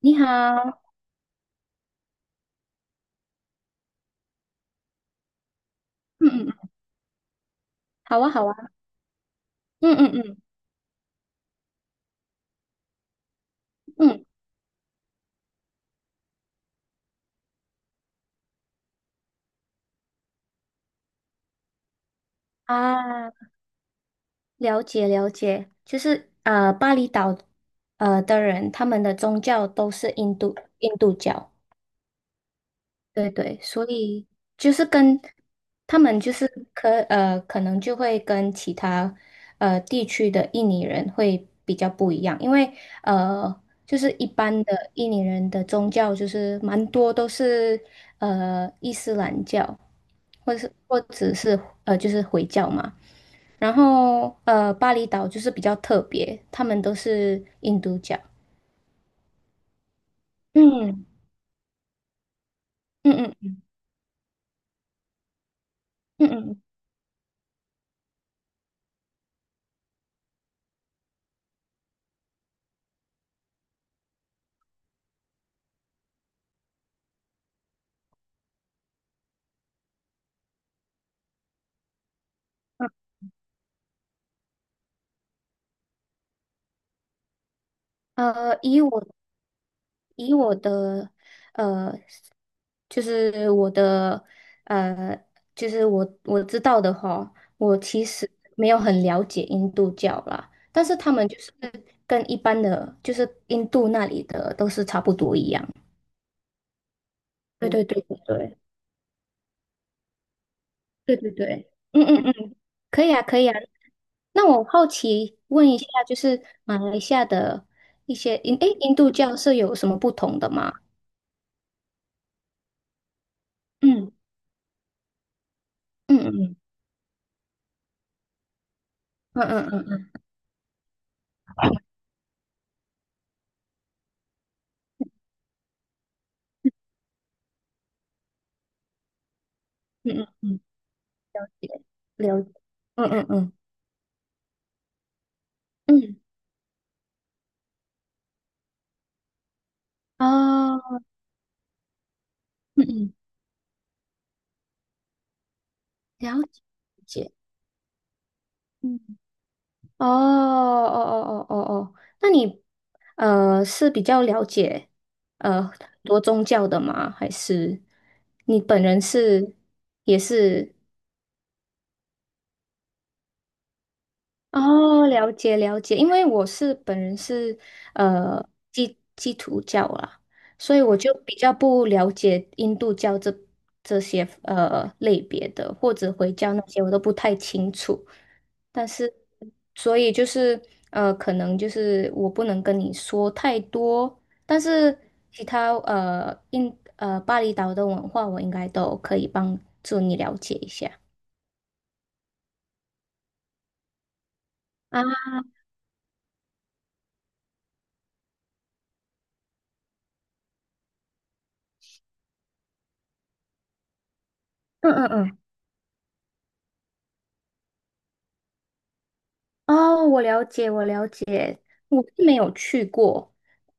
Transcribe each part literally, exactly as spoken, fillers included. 你好。嗯嗯，好啊，好啊，嗯嗯嗯嗯，啊，了解了解。就是呃，巴厘岛呃的人，他们的宗教都是印度印度教，对对，所以就是跟他们就是可呃可能就会跟其他呃地区的印尼人会比较不一样，因为呃就是一般的印尼人的宗教就是蛮多都是呃伊斯兰教，或是或者是呃就是回教嘛。然后呃巴厘岛就是比较特别，他们都是印度教。嗯嗯嗯嗯嗯嗯。呃，以我以我的呃，就是我的呃，就是我我知道的话，我其实没有很了解印度教啦，但是他们就是跟一般的，就是印度那里的都是差不多一样。对，嗯，对对对对对对对。嗯嗯嗯，可以啊，可以啊。那我好奇问一下，就是马来西亚的一些印诶印度教是有什么不同的吗？嗯嗯嗯嗯嗯嗯嗯嗯嗯嗯。了，解，嗯嗯嗯嗯，哦，嗯嗯，嗯，了解，嗯，哦哦哦哦哦哦。那你呃是比较了解呃很多宗教的吗？还是你本人是也是？哦，了解了解。因为我是本人是呃基基督教啦，所以我就比较不了解印度教这这些呃类别的，或者回教那些我都不太清楚。但是，所以就是呃，可能就是我不能跟你说太多，但是其他呃印呃巴厘岛的文化，我应该都可以帮助你了解一下啊。嗯嗯嗯，哦，我了解，我了解。我是没有去过，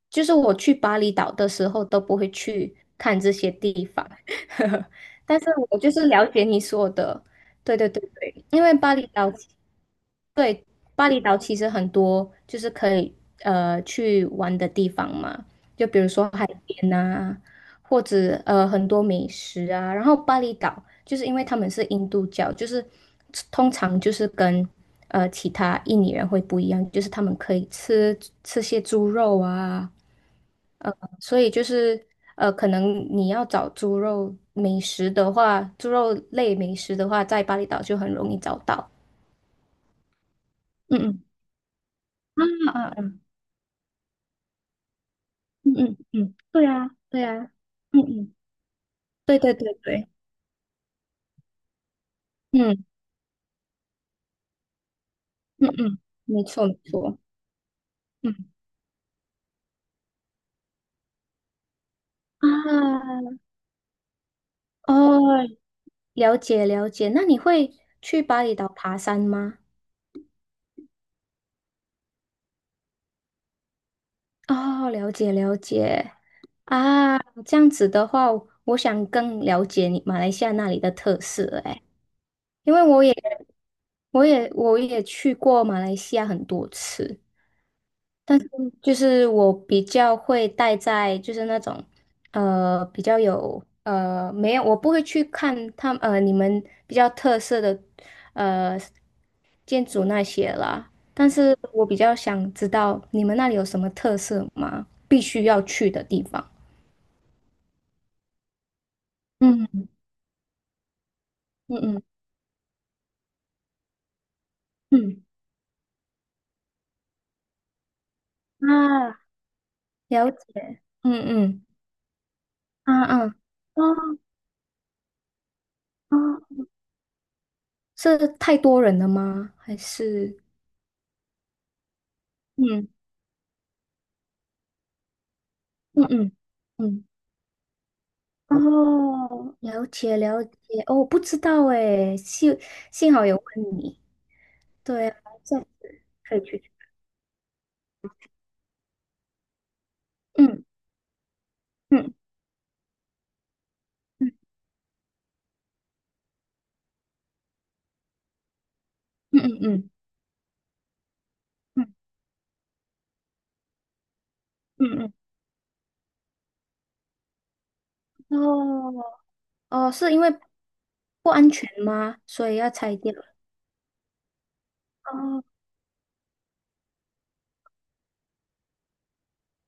就是我去巴厘岛的时候都不会去看这些地方，但是我就是了解你说的，对对对对，因为巴厘岛。对，巴厘岛其实很多就是可以呃去玩的地方嘛，就比如说海边啊，或者呃很多美食啊。然后巴厘岛就是因为他们是印度教，就是通常就是跟呃其他印尼人会不一样，就是他们可以吃吃些猪肉啊。呃，所以就是呃可能你要找猪肉美食的话，猪肉类美食的话，在巴厘岛就很容易找到。嗯嗯。啊，啊，嗯嗯嗯嗯，对啊对啊，嗯嗯，对对对对，嗯嗯嗯，没错没错，嗯，啊，哦，了解了解。那你会去巴厘岛爬山吗？哦，了解了解啊，这样子的话，我想更了解你马来西亚那里的特色诶。因为我也我也我也去过马来西亚很多次，但是就是我比较会待在就是那种呃比较有呃没有我不会去看他们呃你们比较特色的呃建筑那些啦，但是我比较想知道你们那里有什么特色吗？必须要去的地方。嗯嗯嗯嗯，啊，了解。嗯嗯，啊，啊，哦哦，是太多人了吗？还是嗯嗯嗯嗯。哦，了解了解。哦，不知道哎，幸幸好有问你，对啊，这可以去。嗯嗯嗯嗯嗯嗯嗯嗯，哦哦，是因为不安全吗？所以要拆掉？哦，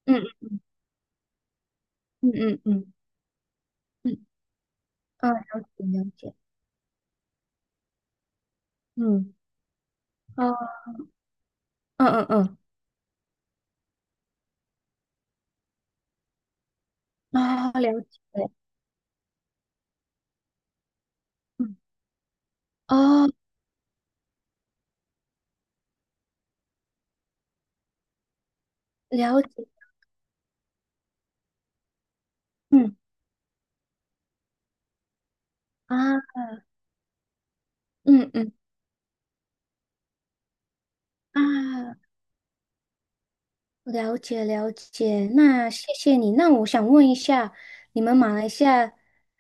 嗯嗯嗯嗯嗯，啊，了解了解，嗯，哦，嗯嗯嗯，啊，了解，嗯，哦，了解，嗯，啊，嗯嗯啊。了解了解，那谢谢你。那我想问一下，你们马来西亚，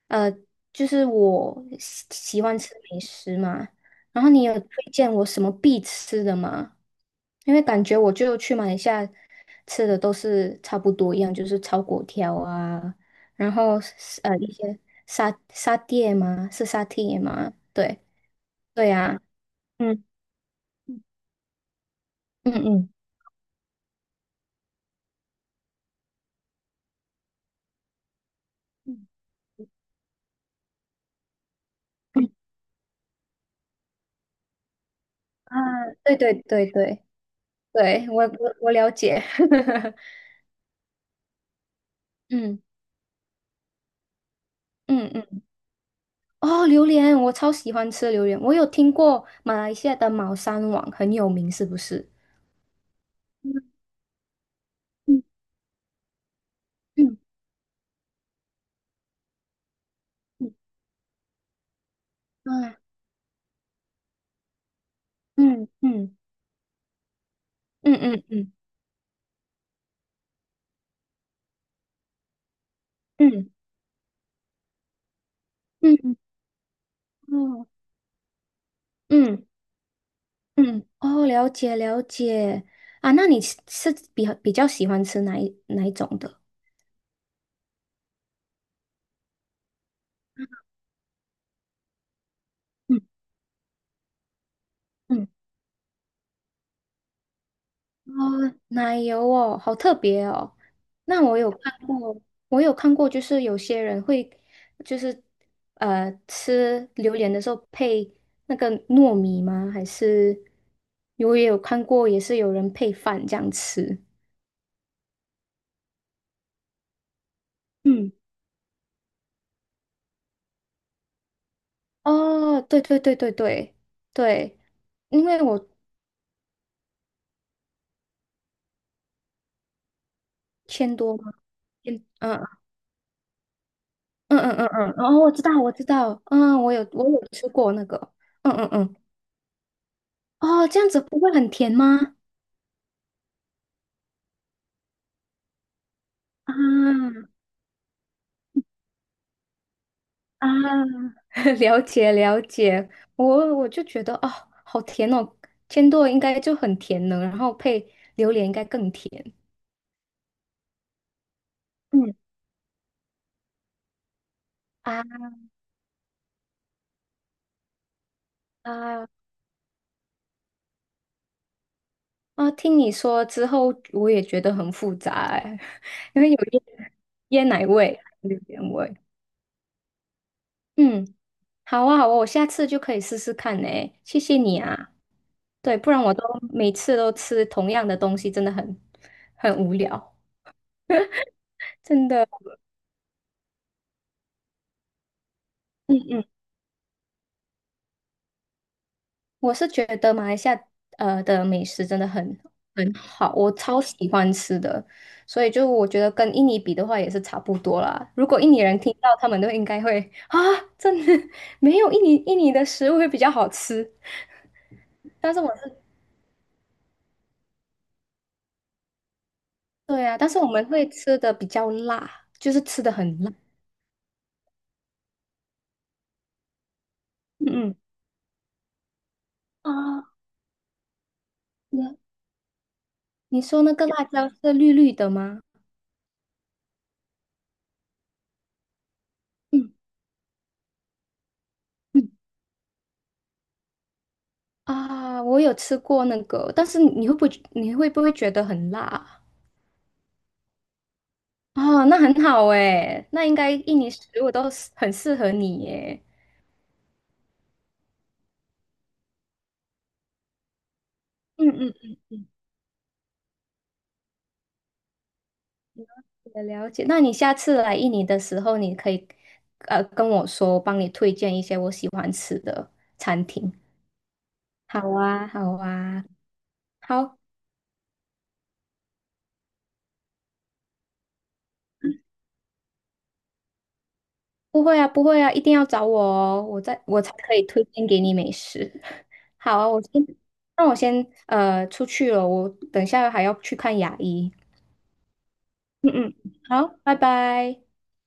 呃，就是我喜喜欢吃美食嘛，然后你有推荐我什么必吃的吗？因为感觉我就去马来西亚吃的都是差不多一样，就是炒粿条啊，然后是呃一些沙沙爹吗？是沙爹吗？对，对啊，嗯嗯嗯嗯，啊，对对对对。对，我我我了解。嗯嗯嗯，哦，榴莲，我超喜欢吃榴莲。我有听过马来西亚的猫山王很有名，是不是？嗯嗯嗯嗯，啊，嗯嗯嗯嗯嗯嗯嗯嗯，哦，嗯嗯，哦，了解了解。啊，那你是是比比较喜欢吃哪一哪一种的？嗯嗯，哦，奶油哦，好特别哦。那我有看过，我有看过，就是有些人会，就是呃，吃榴莲的时候配那个糯米吗？还是我也有看过，也是有人配饭这样吃。嗯，哦，对对对对对对，因为我千多嘛。千嗯嗯嗯嗯嗯，哦，我知道我知道，嗯，我有我有吃过那个，嗯嗯嗯，哦，这样子不会很甜吗？啊，啊。了解了解，我我就觉得哦，好甜哦，千朵应该就很甜呢，然后配榴莲应该更甜。嗯，啊，啊，啊！听你说之后，我也觉得很复杂哎。因为有椰椰奶味、榴莲味。嗯，好啊好啊，我下次就可以试试看呢，谢谢你啊。对，不然我都每次都吃同样的东西，真的很很无聊。真的。嗯嗯。我是觉得马来西亚呃的美食真的很很好，我超喜欢吃的，所以就我觉得跟印尼比的话也是差不多啦。如果印尼人听到，他们都应该会啊，真的没有印尼印尼的食物会比较好吃。但是我是对啊，但是我们会吃的比较辣，就是吃的很辣。嗯嗯，啊，你你说那个辣椒是绿绿的吗？嗯嗯，啊，我有吃过那个，但是你会不会你会不会觉得很辣啊？哦，那很好诶，那应该印尼食物都是很适合你耶。嗯嗯嗯嗯，了解了解。那你下次来印尼的时候，你可以呃跟我说，我帮你推荐一些我喜欢吃的餐厅。好啊，好啊，好。不会啊，不会啊，一定要找我哦，我在我才可以推荐给你美食。好啊，我先，那我先呃出去了，我等一下还要去看牙医。嗯嗯。好，拜拜。